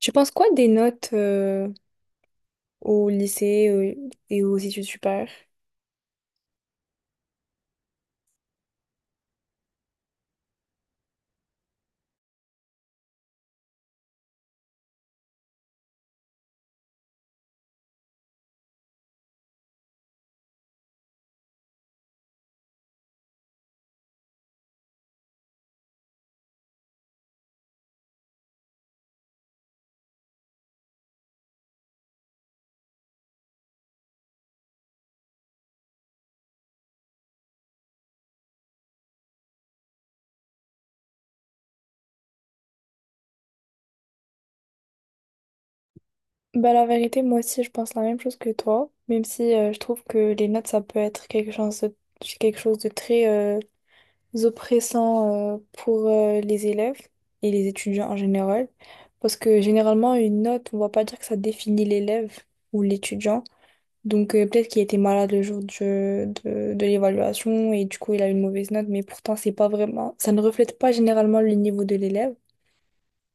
Tu penses quoi des notes au lycée et aux études supérieures? Bah la vérité, moi aussi, je pense la même chose que toi, même si je trouve que les notes, ça peut être quelque chose de très oppressant pour les élèves et les étudiants en général, parce que généralement, une note, on va pas dire que ça définit l'élève ou l'étudiant, donc peut-être qu'il était malade le jour de l'évaluation et du coup, il a une mauvaise note, mais pourtant, c'est pas vraiment, ça ne reflète pas généralement le niveau de l'élève.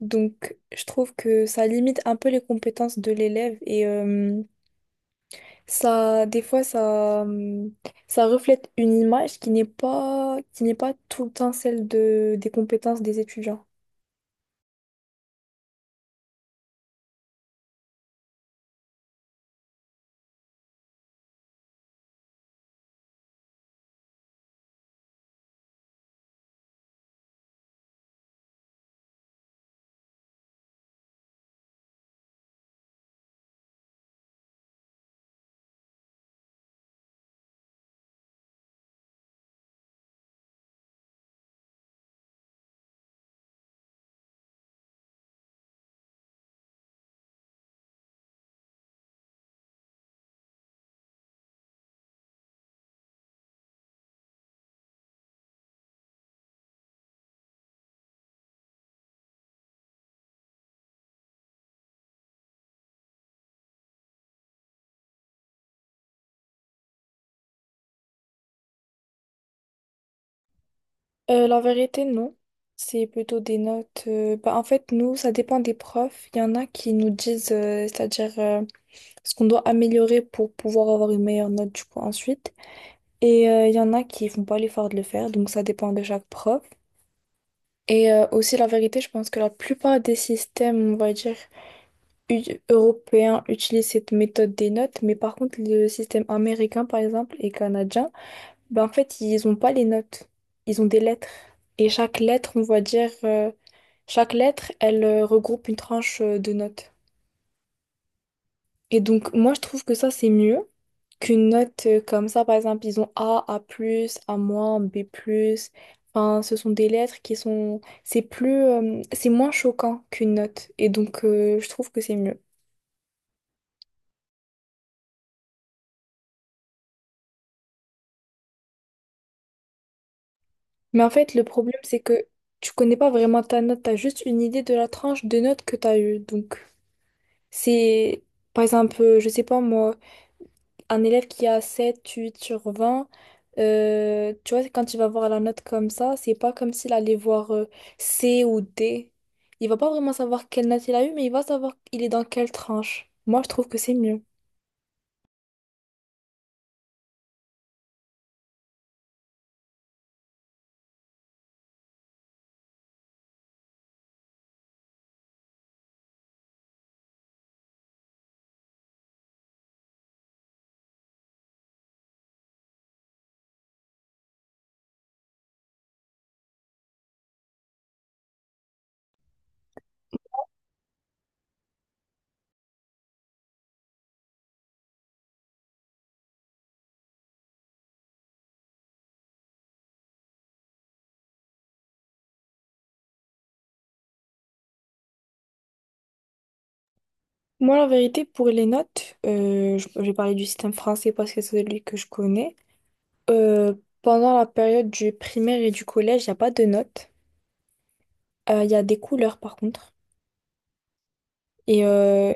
Donc, je trouve que ça limite un peu les compétences de l'élève et ça, des fois, ça reflète une image qui n'est pas tout le temps celle de, des compétences des étudiants. La vérité, non. C'est plutôt des notes. Bah, en fait, nous, ça dépend des profs. Il y en a qui nous disent, c'est-à-dire ce qu'on doit améliorer pour pouvoir avoir une meilleure note du coup ensuite. Et il y en a qui font pas l'effort de le faire, donc ça dépend de chaque prof. Et aussi, la vérité, je pense que la plupart des systèmes, on va dire, u- européens utilisent cette méthode des notes, mais par contre, le système américain, par exemple, et canadien, ben, en fait, ils ont pas les notes, ils ont des lettres. Et chaque lettre, on va dire, chaque lettre, elle regroupe une tranche de notes. Et donc, moi, je trouve que ça, c'est mieux qu'une note comme ça. Par exemple, ils ont A, A+, A-, B+. Enfin, ce sont des lettres qui sont, c'est plus, c'est moins choquant qu'une note. Et donc, je trouve que c'est mieux. Mais en fait, le problème, c'est que tu connais pas vraiment ta note. T'as juste une idée de la tranche de notes que t'as eue. Donc, c'est. Par exemple, je sais pas moi, un élève qui a 7, 8 sur 20, tu vois, quand il va voir la note comme ça, c'est pas comme s'il allait voir C ou D. Il va pas vraiment savoir quelle note il a eu, mais il va savoir il est dans quelle tranche. Moi, je trouve que c'est mieux. Moi, la vérité, pour les notes, je vais parler du système français parce que c'est celui que je connais. Euh, pendant la période du primaire et du collège, il n'y a pas de notes. Il y a des couleurs, par contre. Et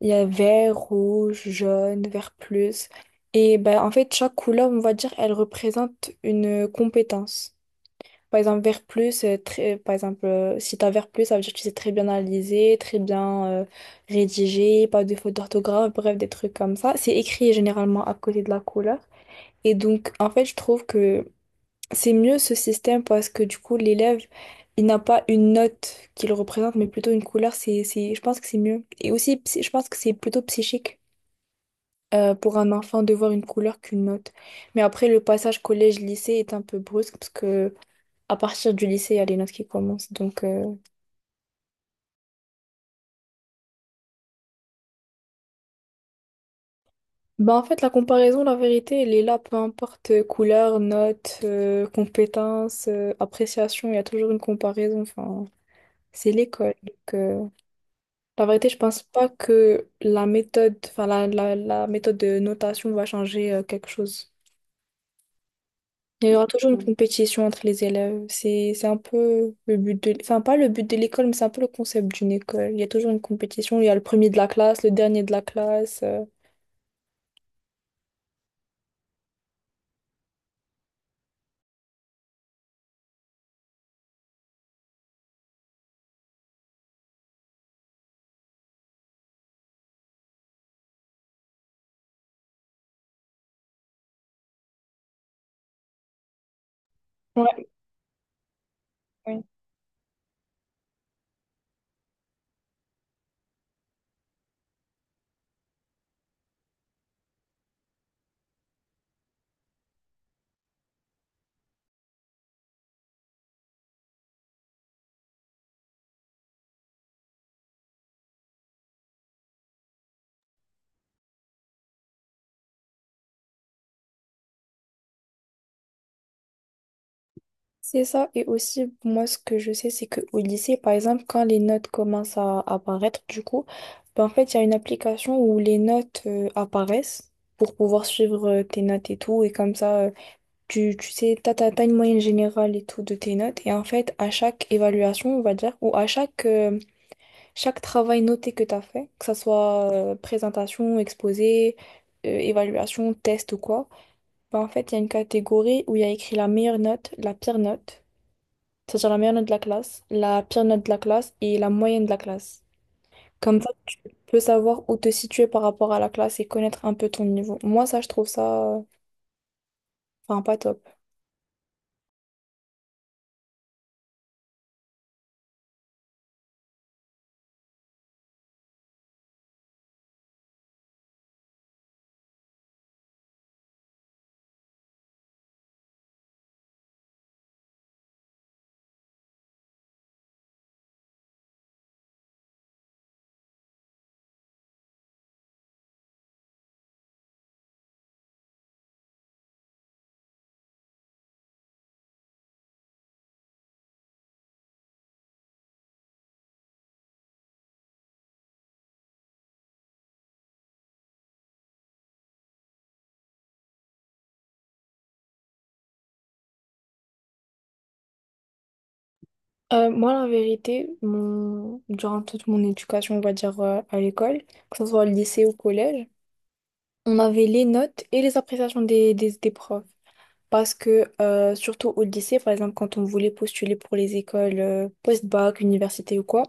il y a vert, rouge, jaune, vert plus. Et bah, en fait, chaque couleur, on va dire, elle représente une compétence. Par exemple, vert plus, très, par exemple, si tu as vert plus, ça veut dire que tu sais très bien analyser, très bien rédiger, pas de faute d'orthographe, bref, des trucs comme ça. C'est écrit généralement à côté de la couleur. Et donc, en fait, je trouve que c'est mieux ce système parce que du coup, l'élève, il n'a pas une note qui le représente, mais plutôt une couleur. Je pense que c'est mieux. Et aussi, je pense que c'est plutôt psychique pour un enfant de voir une couleur qu'une note. Mais après, le passage collège-lycée est un peu brusque parce que à partir du lycée, il y a les notes qui commencent. Donc, bah en fait, la comparaison, la vérité, elle est là, peu importe couleur, note, compétence, appréciation, il y a toujours une comparaison. Enfin, c'est l'école. Donc, la vérité, je pense pas que la méthode, enfin la méthode de notation va changer quelque chose. Il y aura toujours une compétition entre les élèves. C'est un peu le but de, enfin pas le but de l'école, mais c'est un peu le concept d'une école. Il y a toujours une compétition. Il y a le premier de la classe, le dernier de la classe. Ouais. C'est ça, et aussi, moi, ce que je sais, c'est qu'au lycée, par exemple, quand les notes commencent à apparaître, du coup, ben, en fait, il y a une application où les notes apparaissent pour pouvoir suivre tes notes et tout, et comme ça, tu sais, t'as une moyenne générale et tout de tes notes, et en fait, à chaque évaluation, on va dire, ou à chaque travail noté que t'as fait, que ça soit présentation, exposé, évaluation, test ou quoi, ben, en fait, il y a une catégorie où il y a écrit la meilleure note, la pire note. C'est-à-dire la meilleure note de la classe, la pire note de la classe et la moyenne de la classe. Comme ça, tu peux savoir où te situer par rapport à la classe et connaître un peu ton niveau. Moi, ça, je trouve ça, enfin, pas top. Moi, la vérité, durant toute mon éducation, on va dire, à l'école, que ce soit au lycée ou au collège, on avait les notes et les appréciations des profs. Parce que, surtout au lycée, par exemple, quand on voulait postuler pour les écoles post-bac, université ou quoi,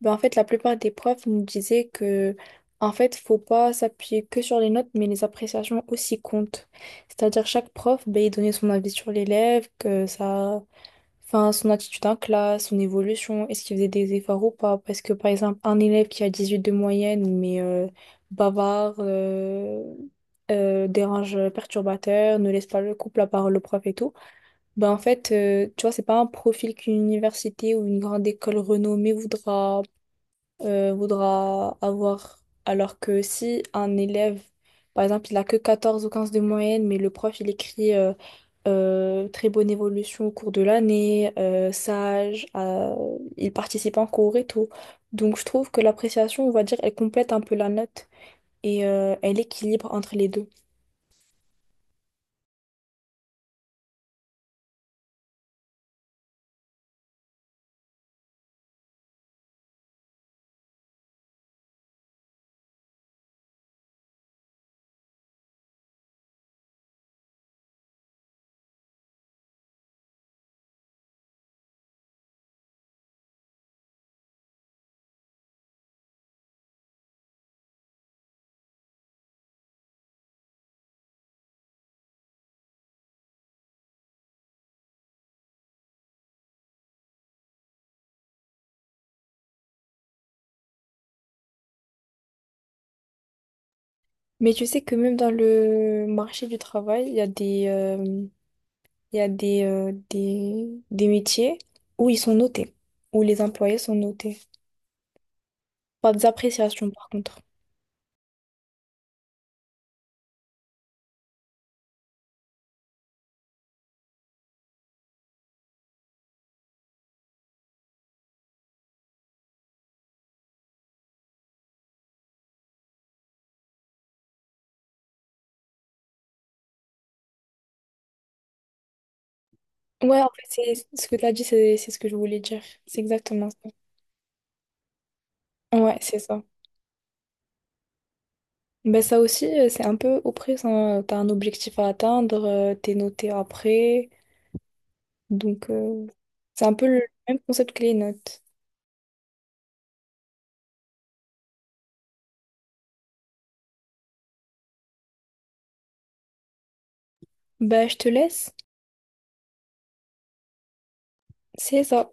ben en fait, la plupart des profs nous disaient que, en fait, faut pas s'appuyer que sur les notes, mais les appréciations aussi comptent. C'est-à-dire, chaque prof, ben, il donnait son avis sur l'élève, que ça. Enfin, son attitude en classe, son évolution, est-ce qu'il faisait des efforts ou pas? Parce que par exemple, un élève qui a 18 de moyenne, mais bavard, dérange, perturbateur, ne laisse pas le couple la parole au prof et tout, ben en fait, tu vois, c'est pas un profil qu'une université ou une grande école renommée voudra avoir. Alors que si un élève, par exemple, il a que 14 ou 15 de moyenne, mais le prof, il écrit très bonne évolution au cours de l'année, sage, il participe en cours et tout. Donc je trouve que l'appréciation, on va dire, elle complète un peu la note et elle équilibre entre les deux. Mais tu sais que même dans le marché du travail, il y a des métiers où ils sont notés, où les employés sont notés, par des appréciations, par contre. Ouais, en fait, c'est ce que tu as dit, c'est ce que je voulais dire. C'est exactement ça. Ouais, c'est ça. Ben ça aussi, c'est un peu oppressant. Tu t'as un objectif à atteindre, t'es noté après. Donc, c'est un peu le même concept que les notes. Ben, je te laisse. C'est ça.